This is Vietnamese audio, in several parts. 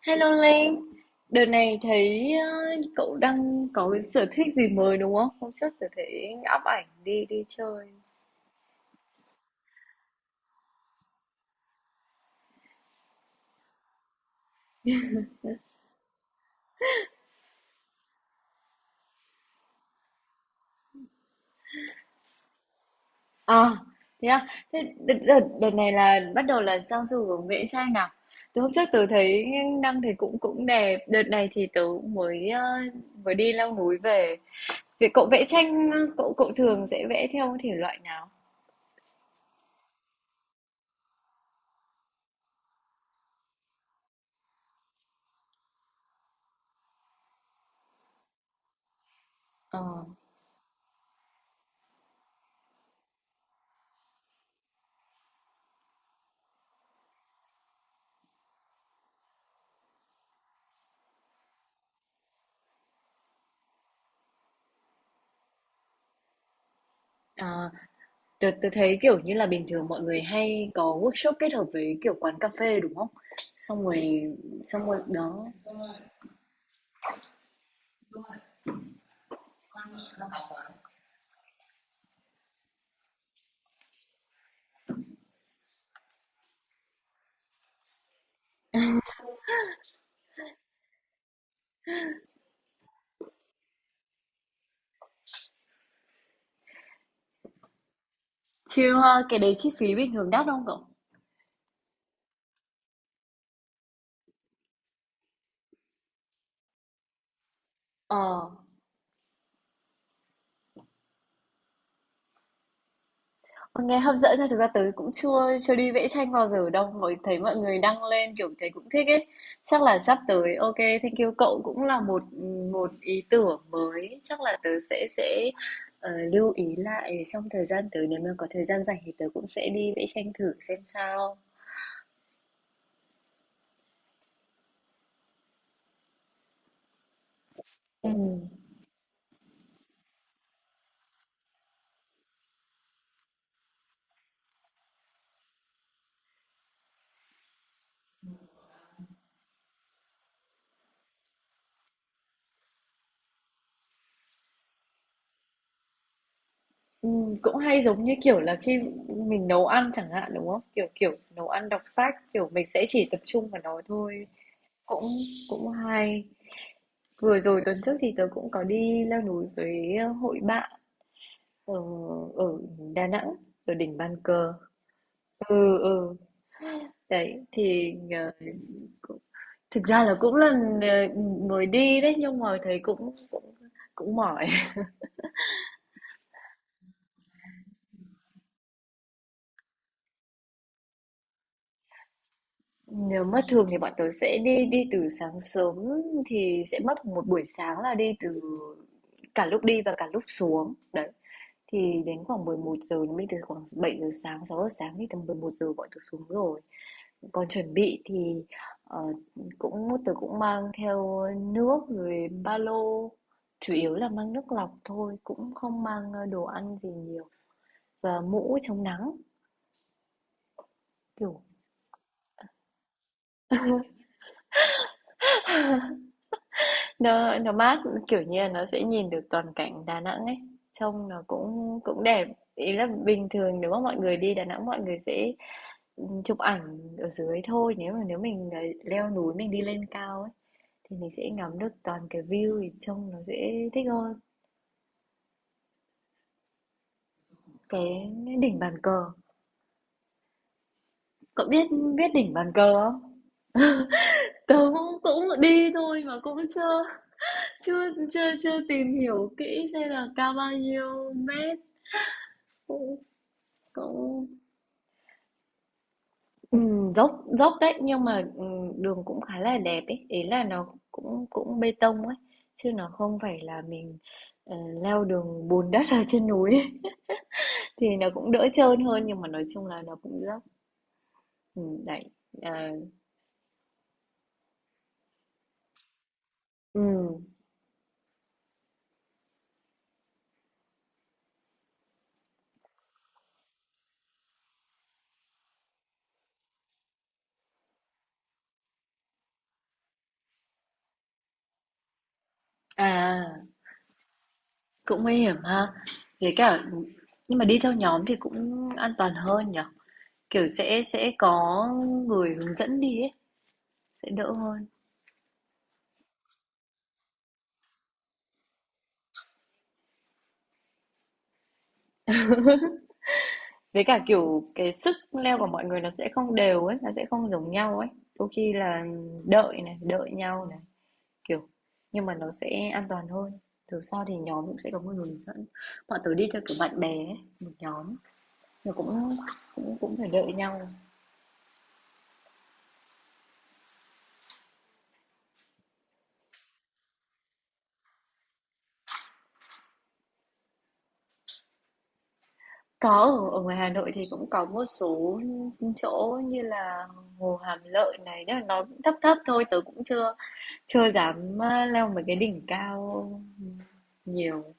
Hello Linh, đợt này thấy ờ, cậu đang có cái sở thích gì mới đúng không? Hôm trước tôi thấy up ảnh đi đi chơi. À, thế à? Thế đợt này là bắt đầu là sang du hướng vẽ tranh nào? Từ hôm trước tôi thấy đăng thì cũng cũng đẹp. Đợt này thì tớ cũng mới đi leo núi về. Vậy cậu vẽ tranh, cậu cậu thường sẽ vẽ theo thể loại nào? Ờ, à, tớ thấy kiểu như là bình thường mọi người hay có workshop kết hợp với kiểu quán cà phê đúng không? Xong rồi, xong rồi đó. Chill ha, cái đấy chi phí bình thường đắt không cậu? Ờ, nghe hấp dẫn nha, thực ra tớ cũng chưa chưa đi vẽ tranh bao giờ đâu. Mới thấy mọi người đăng lên kiểu thấy cũng thích ấy. Chắc là sắp tới, ok, thank you cậu cũng là một một ý tưởng mới. Chắc là tớ sẽ lưu ý lại trong thời gian tới nếu mà có thời gian rảnh thì tớ cũng sẽ đi vẽ tranh thử xem sao. Ừ. Cũng hay giống như, kiểu là, khi mình nấu ăn chẳng hạn, đúng không? Kiểu, kiểu, nấu ăn, đọc sách, kiểu, mình sẽ chỉ tập trung vào nó thôi, cũng cũng hay. Vừa rồi tuần trước thì tớ cũng có đi leo núi với, hội bạn ở ở Đà Nẵng, ở đỉnh Bàn Cờ. Ừ, ừ, đấy, thì cũng thực ra là cũng lần mới đi đấy, nhưng mà thấy cũng cũng cũng mỏi. Nếu mà thường thì bọn tớ sẽ đi đi từ sáng sớm thì sẽ mất một buổi sáng là đi từ cả lúc đi và cả lúc xuống. Đấy. Thì đến khoảng 11 giờ mình từ khoảng 7 giờ sáng, 6 giờ sáng thì tầm 11 giờ bọn tớ xuống rồi. Còn chuẩn bị thì ờ, cũng tớ cũng mang theo nước rồi ba lô, chủ yếu là mang nước lọc thôi, cũng không mang đồ ăn gì nhiều và mũ chống nắng kiểu. Nó mát, kiểu như là, nó sẽ nhìn được toàn cảnh Đà Nẵng ấy, trông nó cũng cũng đẹp. Ý là bình thường nếu mà mọi người đi Đà Nẵng mọi người sẽ chụp ảnh ở dưới thôi, nếu mà nếu mình leo núi mình đi lên cao ấy, thì mình sẽ ngắm được toàn cái view thì trông nó sẽ thích hơn. Cái đỉnh bàn cờ, cậu biết biết đỉnh bàn cờ không? Tớ cũng cũng đi thôi mà cũng chưa chưa chưa chưa tìm hiểu kỹ xem là cao bao nhiêu mét, cũng cũng ừm, dốc dốc đấy nhưng mà đường cũng khá là đẹp ấy, ý là nó cũng cũng bê tông ấy chứ nó không phải là mình ờ, leo đường bùn đất ở trên núi ấy. Thì nó cũng đỡ trơn hơn nhưng mà nói chung là nó cũng dốc. Đấy, à, ừm. À, cũng nguy hiểm ha, với cả nhưng mà đi theo nhóm thì cũng an toàn hơn nhở, kiểu sẽ có người hướng dẫn đi ấy sẽ đỡ hơn. Với cả, kiểu, cái sức leo của mọi người nó sẽ không đều ấy, nó sẽ không giống nhau ấy. Đôi khi là đợi này, đợi nhau này, kiểu, nhưng mà nó sẽ an toàn hơn. Dù sao thì nhóm cũng sẽ có một người hướng dẫn. Bọn tớ đi theo kiểu bạn bè ấy, một nhóm, nó cũng cũng cũng phải đợi nhau. Có, ở, ở ngoài Hà Nội thì cũng có một số chỗ như là Hồ Hàm Lợi này, nhưng mà nó cũng thấp thấp thôi, tớ cũng chưa chưa dám leo mấy cái đỉnh cao nhiều.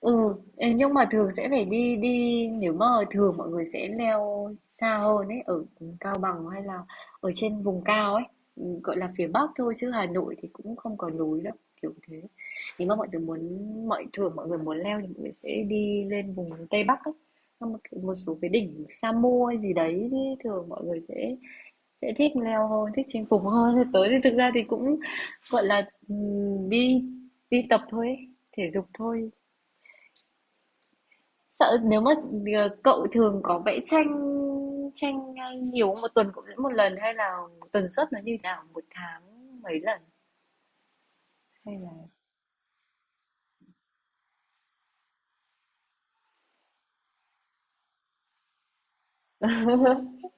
Ừ, ê, nhưng mà thường sẽ phải đi đi nếu mà thường mọi người sẽ leo xa hơn ấy, ở Cao Bằng hay là ở trên vùng cao ấy, ừ, gọi là phía Bắc thôi chứ Hà Nội thì cũng không có núi đâu, kiểu thế. Nếu mà mọi người muốn, thường mọi người muốn leo thì mọi người sẽ đi lên vùng Tây Bắc ấy. Xong một số cái đỉnh Sa Mô hay gì đấy thì thường mọi người sẽ thích leo hơn, thích chinh phục hơn. Thế tới thì thực ra thì cũng gọi là ừ, đi đi tập thôi ấy, thể dục thôi. Sợ nếu mà, cậu thường có vẽ tranh tranh, ờ, nhiều không? Một tuần cũng vẽ một lần hay là tần suất nó như thế nào? Một tháng mấy lần hay là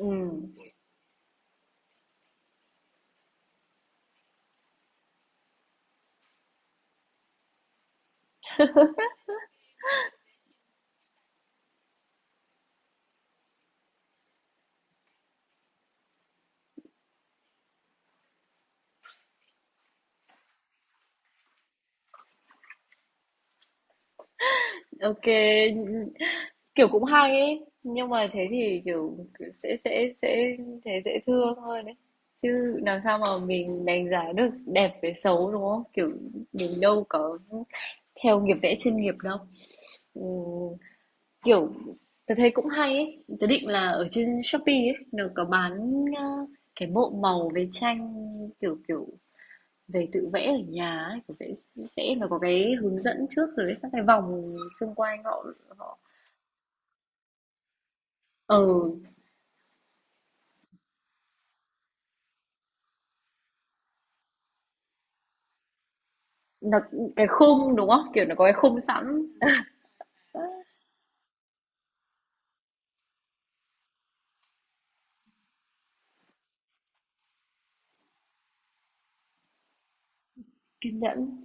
ừm, ô, kiểu, cũng hay ấy, nhưng mà thế thì, kiểu, sẽ thế dễ thương hơn đấy. Chứ làm sao mà mình đánh giá được đẹp với xấu, đúng không? Kiểu, mình đâu có theo nghiệp vẽ chuyên nghiệp đâu. Ừm. Kiểu, tớ thấy cũng hay ấy, tớ định là ở trên Shopee ấy, nó có bán, a, cái bộ màu với tranh, kiểu, kiểu, về tự vẽ ở nhà ấy, kiểu vẽ vẽ nó có cái hướng dẫn trước rồi các cái vòng xung quanh họ họ ờ, nó cái khung, đúng không? Kiểu, nó có cái khung sẵn, kiên nhẫn.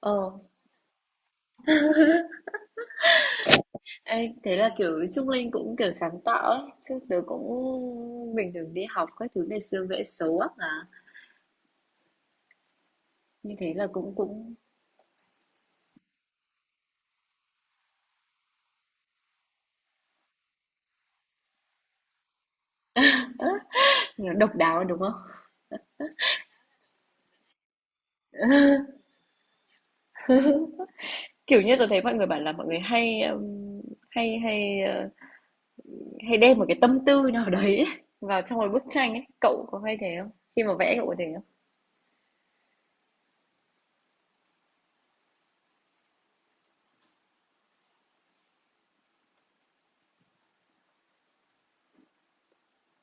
Ờ, ê, thế là, kiểu, Trung Linh cũng, kiểu, sáng tạo ấy, chứ tớ cũng bình thường đi học các thứ ngày xưa vẽ xấu ác mà, như thế là cũng cũng, ờ, độc đáo, đúng không? Kiểu như tôi thấy mọi người bảo là mọi người hay, hay hay, ờ, hay đem một cái tâm tư nào đấy ấy vào trong một bức tranh ấy, cậu có hay thế không? Khi mà vẽ cậu có thế không?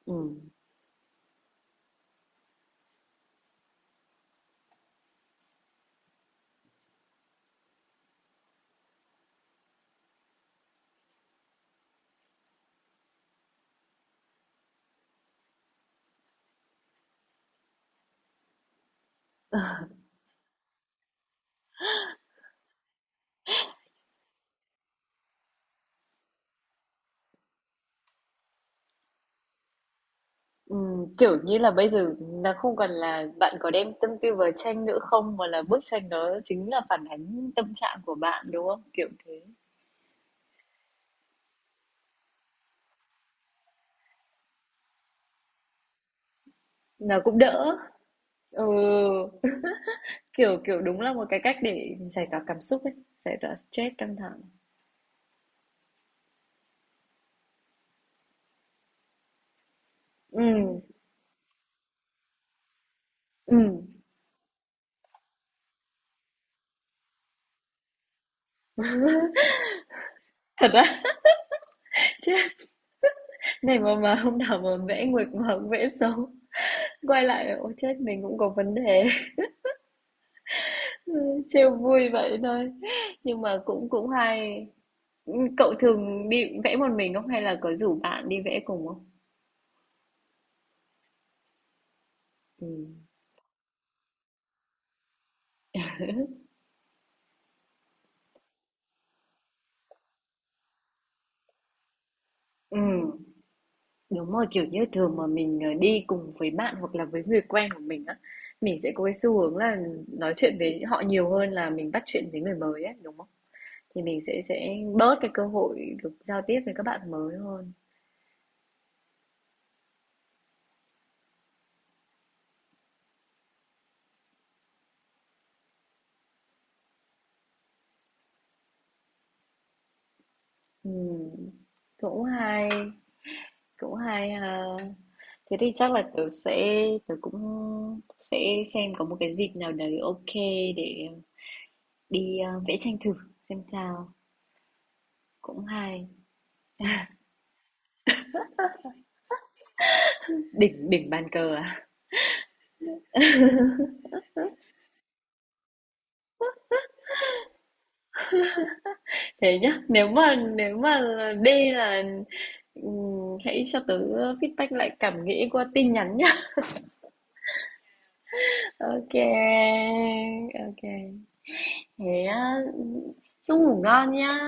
Ừm. Kiểu như là bây giờ nó không còn là bạn có đem tâm tư vào tranh nữa không mà là bức tranh đó chính là phản ánh tâm trạng của bạn đúng không? Kiểu thế. Nó cũng đỡ. Ừ, kiểu kiểu đúng là một cái cách để giải tỏa cảm xúc ấy, giải tỏa stress căng thẳng. Ừ, ừ. Thật á? Chứ này mà hôm nào mà vẽ nguệch mà vẽ xấu, quay lại ô chết, mình cũng có vấn đề." Ư, trêu vui vậy thôi, nhưng mà cũng cũng hay. Cậu thường đi vẽ một mình không hay là có rủ bạn đi vẽ cùng không? Ừm. Ừm, đúng rồi, kiểu như, thường mà mình đi cùng với bạn hoặc là với người quen của mình á, mình sẽ có cái xu hướng là nói chuyện với họ nhiều hơn là mình bắt chuyện với người mới ấy, đúng không? Thì mình sẽ bớt cái cơ hội được giao tiếp với các bạn mới hơn. Ừm, cũng hay, cũng hay ha, thế thì chắc là tớ cũng sẽ xem có một cái dịp nào đấy, ok, để đi vẽ tranh thử xem sao, cũng hay. đỉnh đỉnh bàn cờ à, thế nhá, nếu mà đi là hãy cho tớ feedback lại cảm nghĩ qua tin nhắn nhá. Ok, ok, thế á, chúc ngủ ngon nhá.